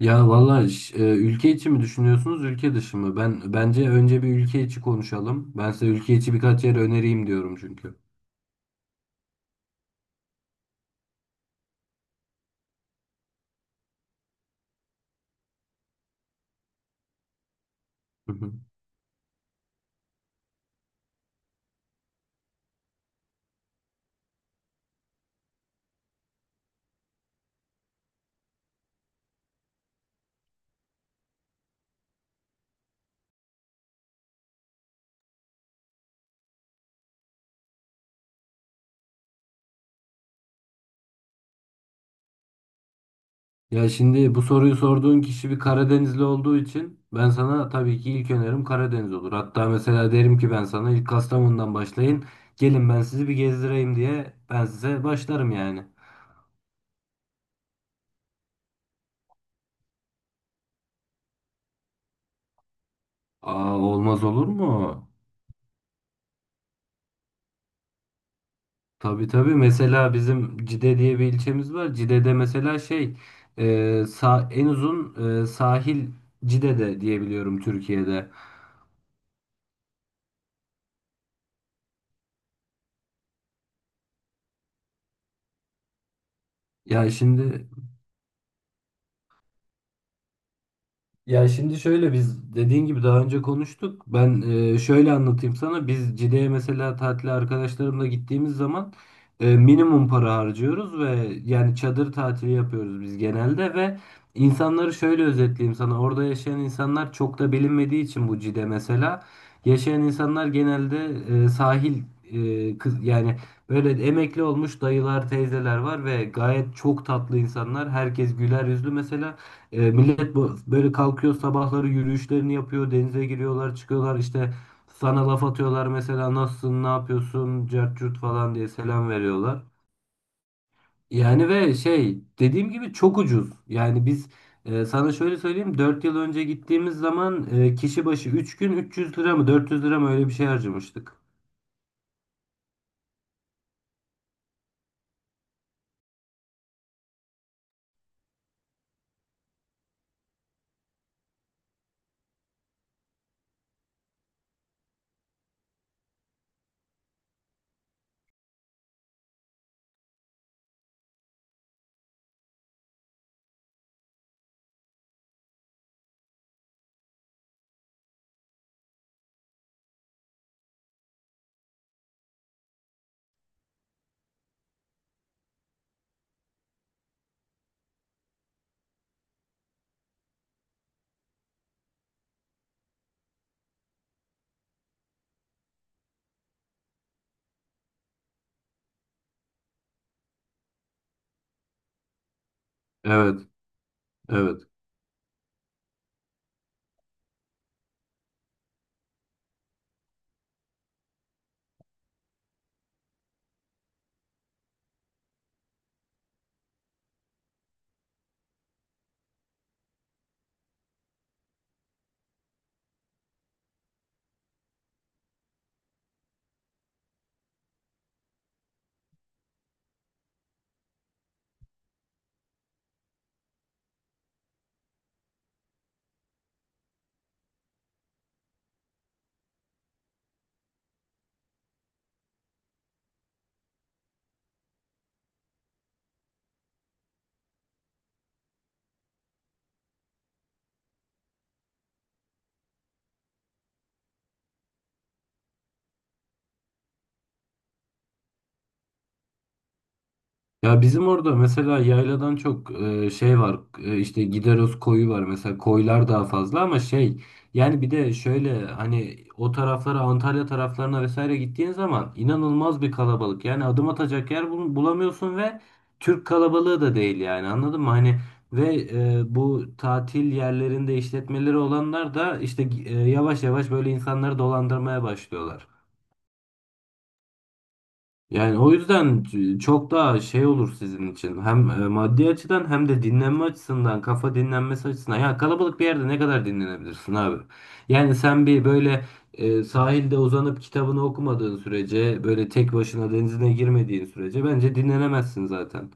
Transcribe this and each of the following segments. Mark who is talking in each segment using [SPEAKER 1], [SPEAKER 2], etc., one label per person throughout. [SPEAKER 1] Ya valla ülke içi mi düşünüyorsunuz, ülke dışı mı? Ben bence önce bir ülke içi konuşalım. Ben size ülke içi birkaç yer önereyim diyorum çünkü. Hı hı. Ya şimdi bu soruyu sorduğun kişi bir Karadenizli olduğu için ben sana tabii ki ilk önerim Karadeniz olur. Hatta mesela derim ki ben sana ilk Kastamonu'dan başlayın. Gelin ben sizi bir gezdireyim diye ben size başlarım yani. Aa, olmaz olur mu? Tabii tabii, mesela bizim Cide diye bir ilçemiz var. Cide'de mesela şey e, sa en uzun sahil Cide'de diyebiliyorum Türkiye'de. Ya şimdi Ya şimdi şöyle, biz dediğin gibi daha önce konuştuk. Ben şöyle anlatayım sana. Biz Cide'ye mesela tatile arkadaşlarımla gittiğimiz zaman minimum para harcıyoruz ve yani çadır tatili yapıyoruz biz genelde. Ve insanları şöyle özetleyeyim sana. Orada yaşayan insanlar çok da bilinmediği için bu Cide mesela. Yaşayan insanlar genelde e, sahil e, kız yani böyle emekli olmuş dayılar, teyzeler var ve gayet çok tatlı insanlar. Herkes güler yüzlü mesela. Millet bu böyle kalkıyor, sabahları yürüyüşlerini yapıyor, denize giriyorlar, çıkıyorlar, işte sana laf atıyorlar mesela, nasılsın, ne yapıyorsun, cart curt falan diye selam veriyorlar. Yani ve şey, dediğim gibi çok ucuz. Yani biz, sana şöyle söyleyeyim, 4 yıl önce gittiğimiz zaman kişi başı 3 gün 300 lira mı 400 lira mı, öyle bir şey harcamıştık. Evet, evet. Ya bizim orada mesela yayladan çok şey var, işte Gideros koyu var mesela, koylar daha fazla. Ama şey, yani bir de şöyle, hani o taraflara, Antalya taraflarına vesaire gittiğin zaman inanılmaz bir kalabalık, yani adım atacak yer bulamıyorsun ve Türk kalabalığı da değil yani, anladın mı hani. Ve bu tatil yerlerinde işletmeleri olanlar da işte yavaş yavaş böyle insanları dolandırmaya başlıyorlar. Yani o yüzden çok daha şey olur sizin için. Hem maddi açıdan hem de dinlenme açısından, kafa dinlenmesi açısından. Ya kalabalık bir yerde ne kadar dinlenebilirsin abi? Yani sen bir böyle sahilde uzanıp kitabını okumadığın sürece, böyle tek başına denizine girmediğin sürece bence dinlenemezsin zaten.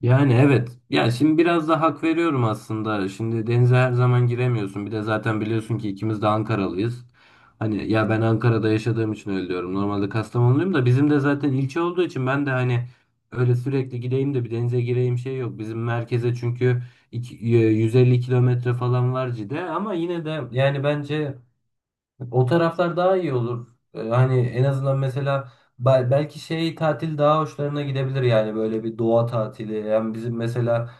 [SPEAKER 1] Yani evet. Ya şimdi biraz da hak veriyorum aslında. Şimdi denize her zaman giremiyorsun. Bir de zaten biliyorsun ki ikimiz de Ankaralıyız. Hani ya, ben Ankara'da yaşadığım için öyle diyorum. Normalde Kastamonluyum da, bizim de zaten ilçe olduğu için, ben de hani öyle sürekli gideyim de bir denize gireyim, şey yok. Bizim merkeze çünkü 150 kilometre falan var Cide, ama yine de yani bence o taraflar daha iyi olur. Hani en azından mesela belki şey, tatil daha hoşlarına gidebilir, yani böyle bir doğa tatili. Yani bizim mesela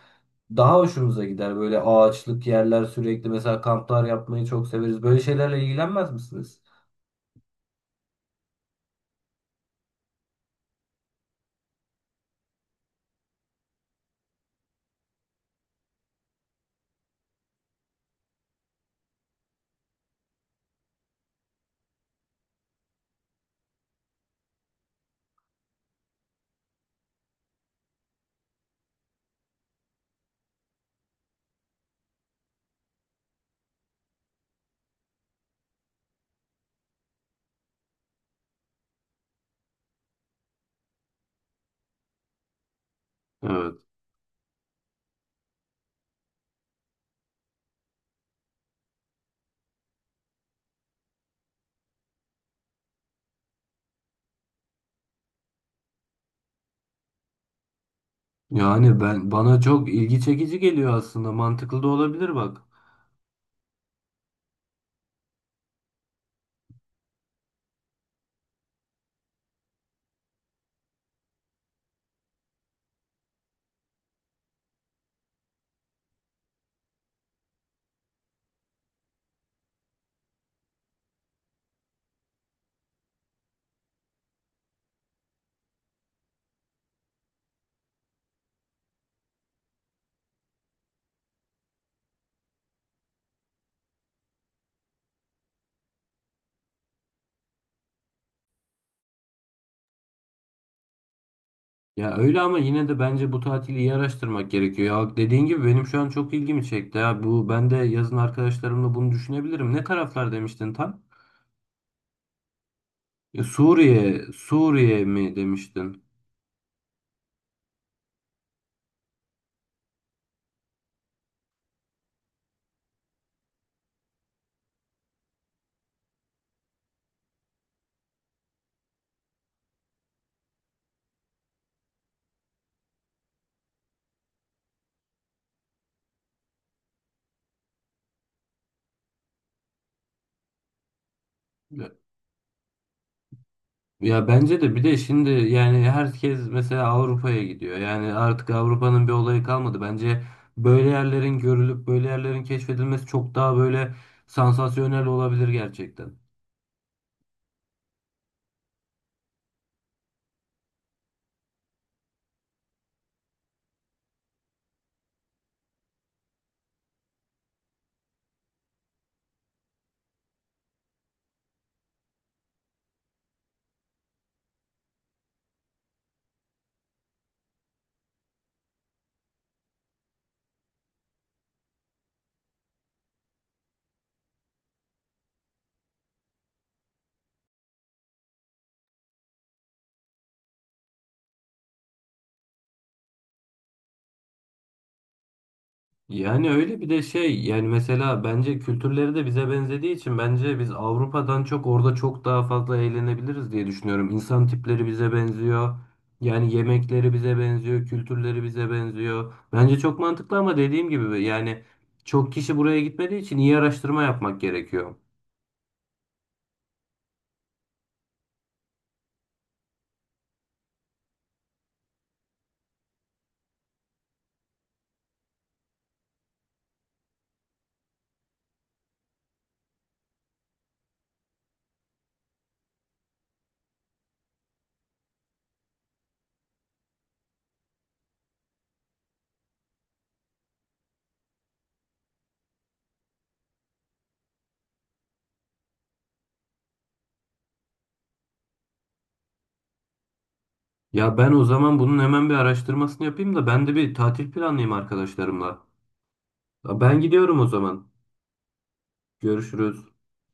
[SPEAKER 1] daha hoşumuza gider böyle ağaçlık yerler, sürekli mesela kamplar yapmayı çok severiz. Böyle şeylerle ilgilenmez misiniz? Evet. Yani ben, bana çok ilgi çekici geliyor aslında. Mantıklı da olabilir bak. Ya öyle, ama yine de bence bu tatili iyi araştırmak gerekiyor. Ya dediğin gibi benim şu an çok ilgimi çekti. Ya bu, ben de yazın arkadaşlarımla bunu düşünebilirim. Ne taraflar demiştin tam? Ya Suriye, Suriye mi demiştin? Ya ya, bence de, bir de şimdi yani herkes mesela Avrupa'ya gidiyor. Yani artık Avrupa'nın bir olayı kalmadı. Bence böyle yerlerin görülüp böyle yerlerin keşfedilmesi çok daha böyle sansasyonel olabilir gerçekten. Yani öyle, bir de şey, yani mesela bence kültürleri de bize benzediği için bence biz Avrupa'dan çok orada çok daha fazla eğlenebiliriz diye düşünüyorum. İnsan tipleri bize benziyor. Yani yemekleri bize benziyor, kültürleri bize benziyor. Bence çok mantıklı, ama dediğim gibi yani çok kişi buraya gitmediği için iyi araştırma yapmak gerekiyor. Ya ben o zaman bunun hemen bir araştırmasını yapayım da, ben de bir tatil planlayayım arkadaşlarımla. Ben gidiyorum o zaman. Görüşürüz.